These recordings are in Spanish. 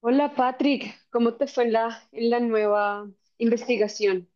Hola Patrick, ¿cómo te fue en la nueva investigación?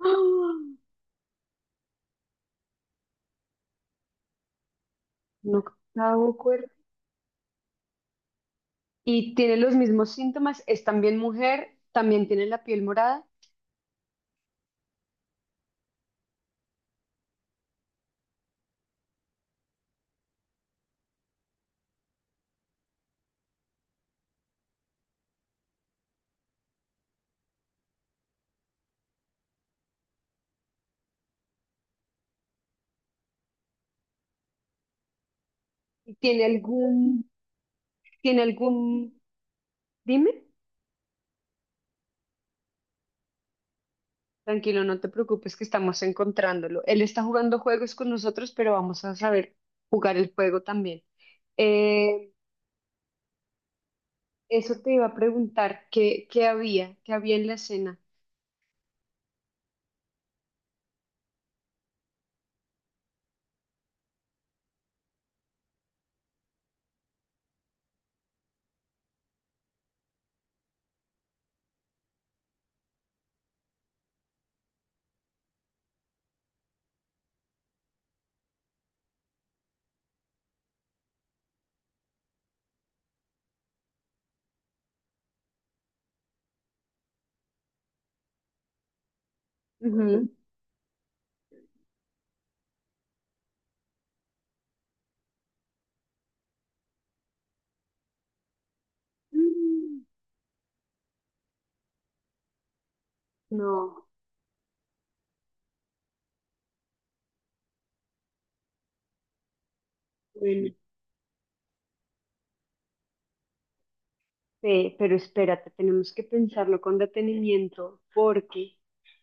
¡Ah! Un octavo cuerpo. Y tiene los mismos síntomas, es también mujer, también tiene la piel morada y tiene algún, dime, tranquilo, no te preocupes que estamos encontrándolo. Él está jugando juegos con nosotros, pero vamos a saber jugar el juego también. Eh, Eso te iba a preguntar, ¿qué, qué había? ¿Qué había en la escena? Ujú. Mm, no, bueno. Ve, pero espérate, tenemos que pensarlo con detenimiento porque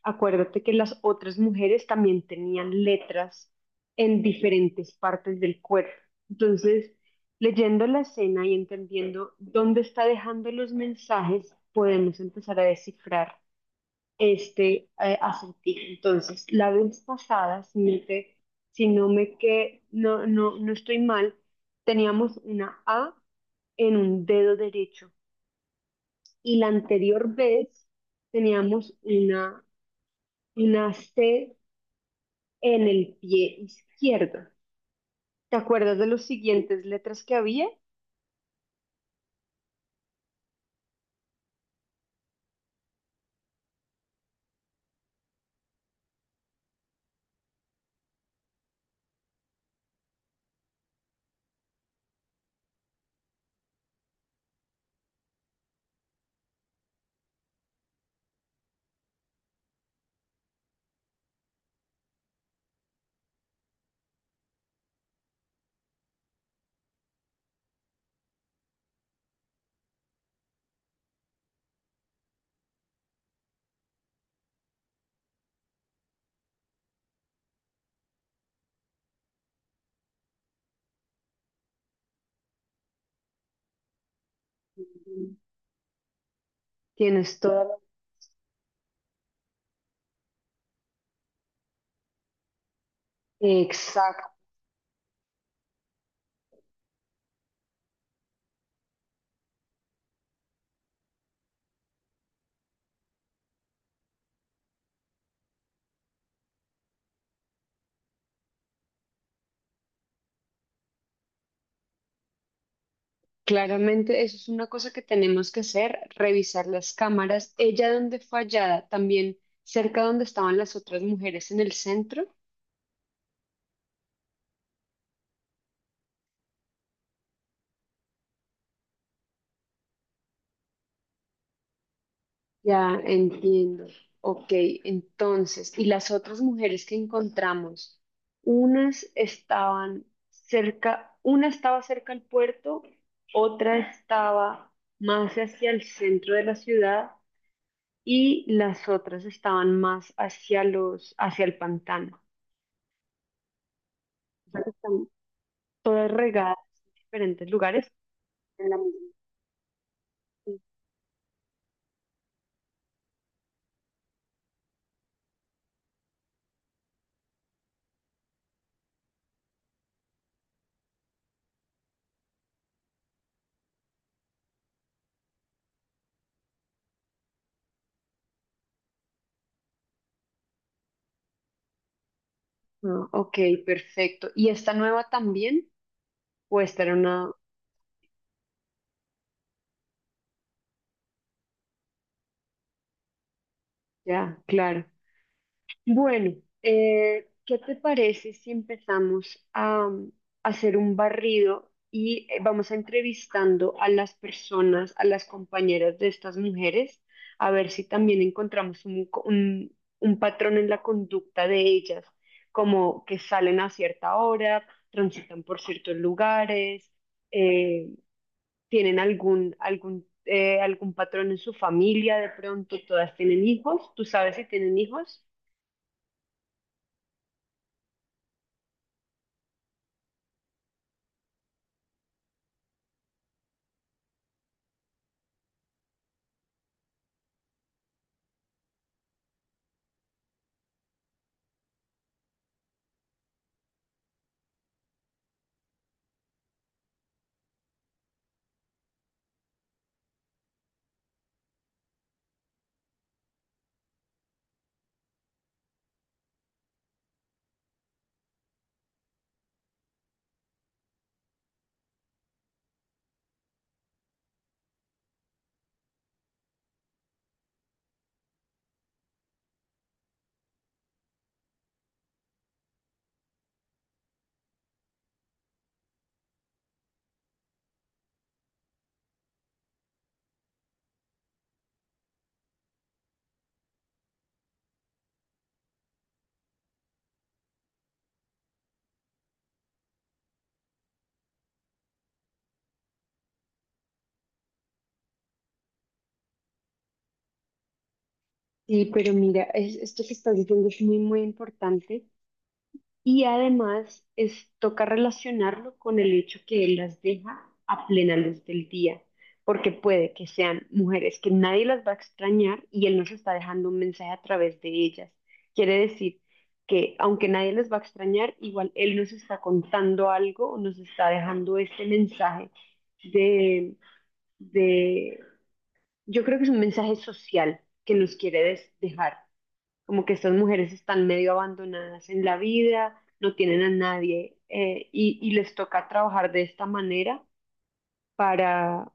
acuérdate que las otras mujeres también tenían letras en diferentes partes del cuerpo. Entonces, leyendo la escena y entendiendo dónde está dejando los mensajes, podemos empezar a descifrar este acertijo. Entonces, la vez pasada, si no me que no, no estoy mal, teníamos una A en un dedo derecho y la anterior vez teníamos una C en el pie izquierdo. ¿Te acuerdas de las siguientes letras que había? Tienes toda la... Exacto. Claramente, eso es una cosa que tenemos que hacer, revisar las cámaras. Ella donde fue hallada, también cerca donde estaban las otras mujeres en el centro. Ya entiendo. Ok, entonces, ¿y las otras mujeres que encontramos? Unas estaban cerca, una estaba cerca al puerto, otra estaba más hacia el centro de la ciudad y las otras estaban más hacia los, hacia el pantano. O sea, que están todas regadas en diferentes lugares en la misma. Ah, ok, perfecto. ¿Y esta nueva también? Pues era una, ya, claro. Bueno, ¿qué te parece si empezamos a, hacer un barrido y vamos a entrevistando a las personas, a las compañeras de estas mujeres, a ver si también encontramos un, un patrón en la conducta de ellas, como que salen a cierta hora, transitan por ciertos lugares, eh, tienen algún, algún, algún patrón en su familia, de pronto todas tienen hijos, ¿tú sabes si tienen hijos? Sí, pero mira, es, esto que estás diciendo es muy, muy importante y además es, toca relacionarlo con el hecho que él las deja a plena luz del día, porque puede que sean mujeres que nadie las va a extrañar y él nos está dejando un mensaje a través de ellas. Quiere decir que aunque nadie les va a extrañar, igual él nos está contando algo o nos está dejando este mensaje de, de, yo creo que es un mensaje social que nos quiere des- dejar como que estas mujeres están medio abandonadas en la vida, no tienen a nadie y les toca trabajar de esta manera para,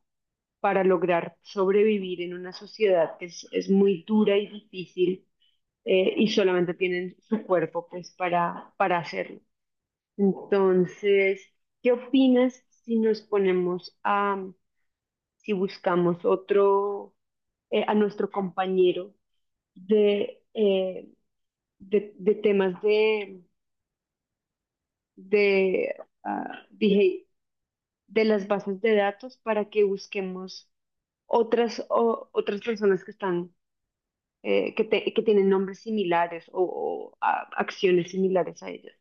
para lograr sobrevivir en una sociedad que es muy dura y difícil y solamente tienen su cuerpo pues para hacerlo. Entonces, ¿qué opinas si nos ponemos a, si buscamos otro, a nuestro compañero de... eh, de temas de, ah, dije, de las bases de datos para que busquemos otras, otras personas que están, que, que tienen nombres similares o, ah, acciones similares a ellas.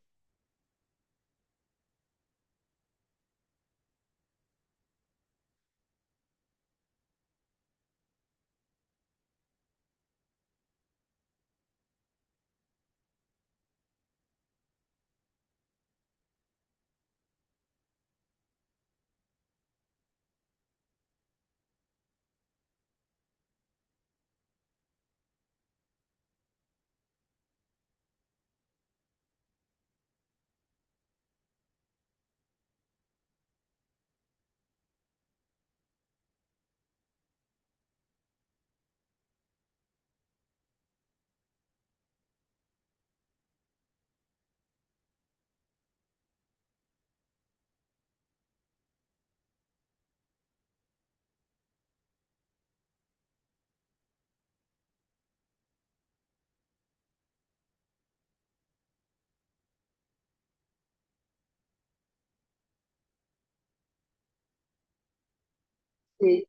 Sí.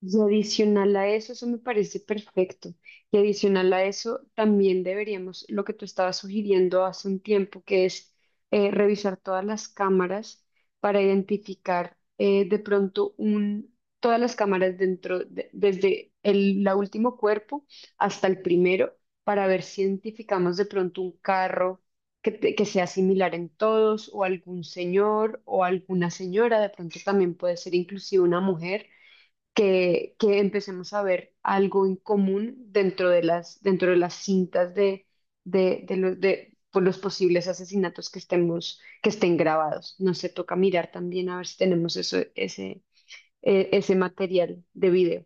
Y adicional a eso, eso me parece perfecto. Y adicional a eso, también deberíamos, lo que tú estabas sugiriendo hace un tiempo, que es revisar todas las cámaras para identificar de pronto un, todas las cámaras dentro, desde el la último cuerpo hasta el primero, para ver si identificamos de pronto un carro que, que sea similar en todos, o algún señor o alguna señora, de pronto también puede ser inclusive una mujer que empecemos a ver algo en común dentro de las cintas de, los, de por los posibles asesinatos que estemos, que estén grabados. No se toca mirar también a ver si tenemos eso, ese, ese material de video.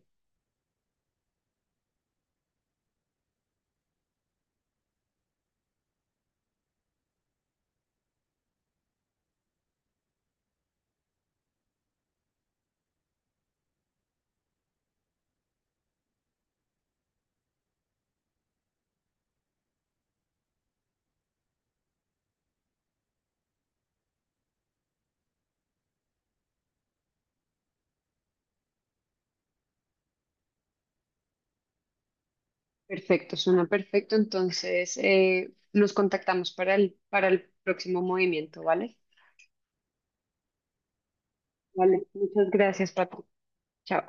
Perfecto, suena perfecto. Entonces, nos contactamos para el próximo movimiento, ¿vale? Vale, muchas gracias, Paco. Chao.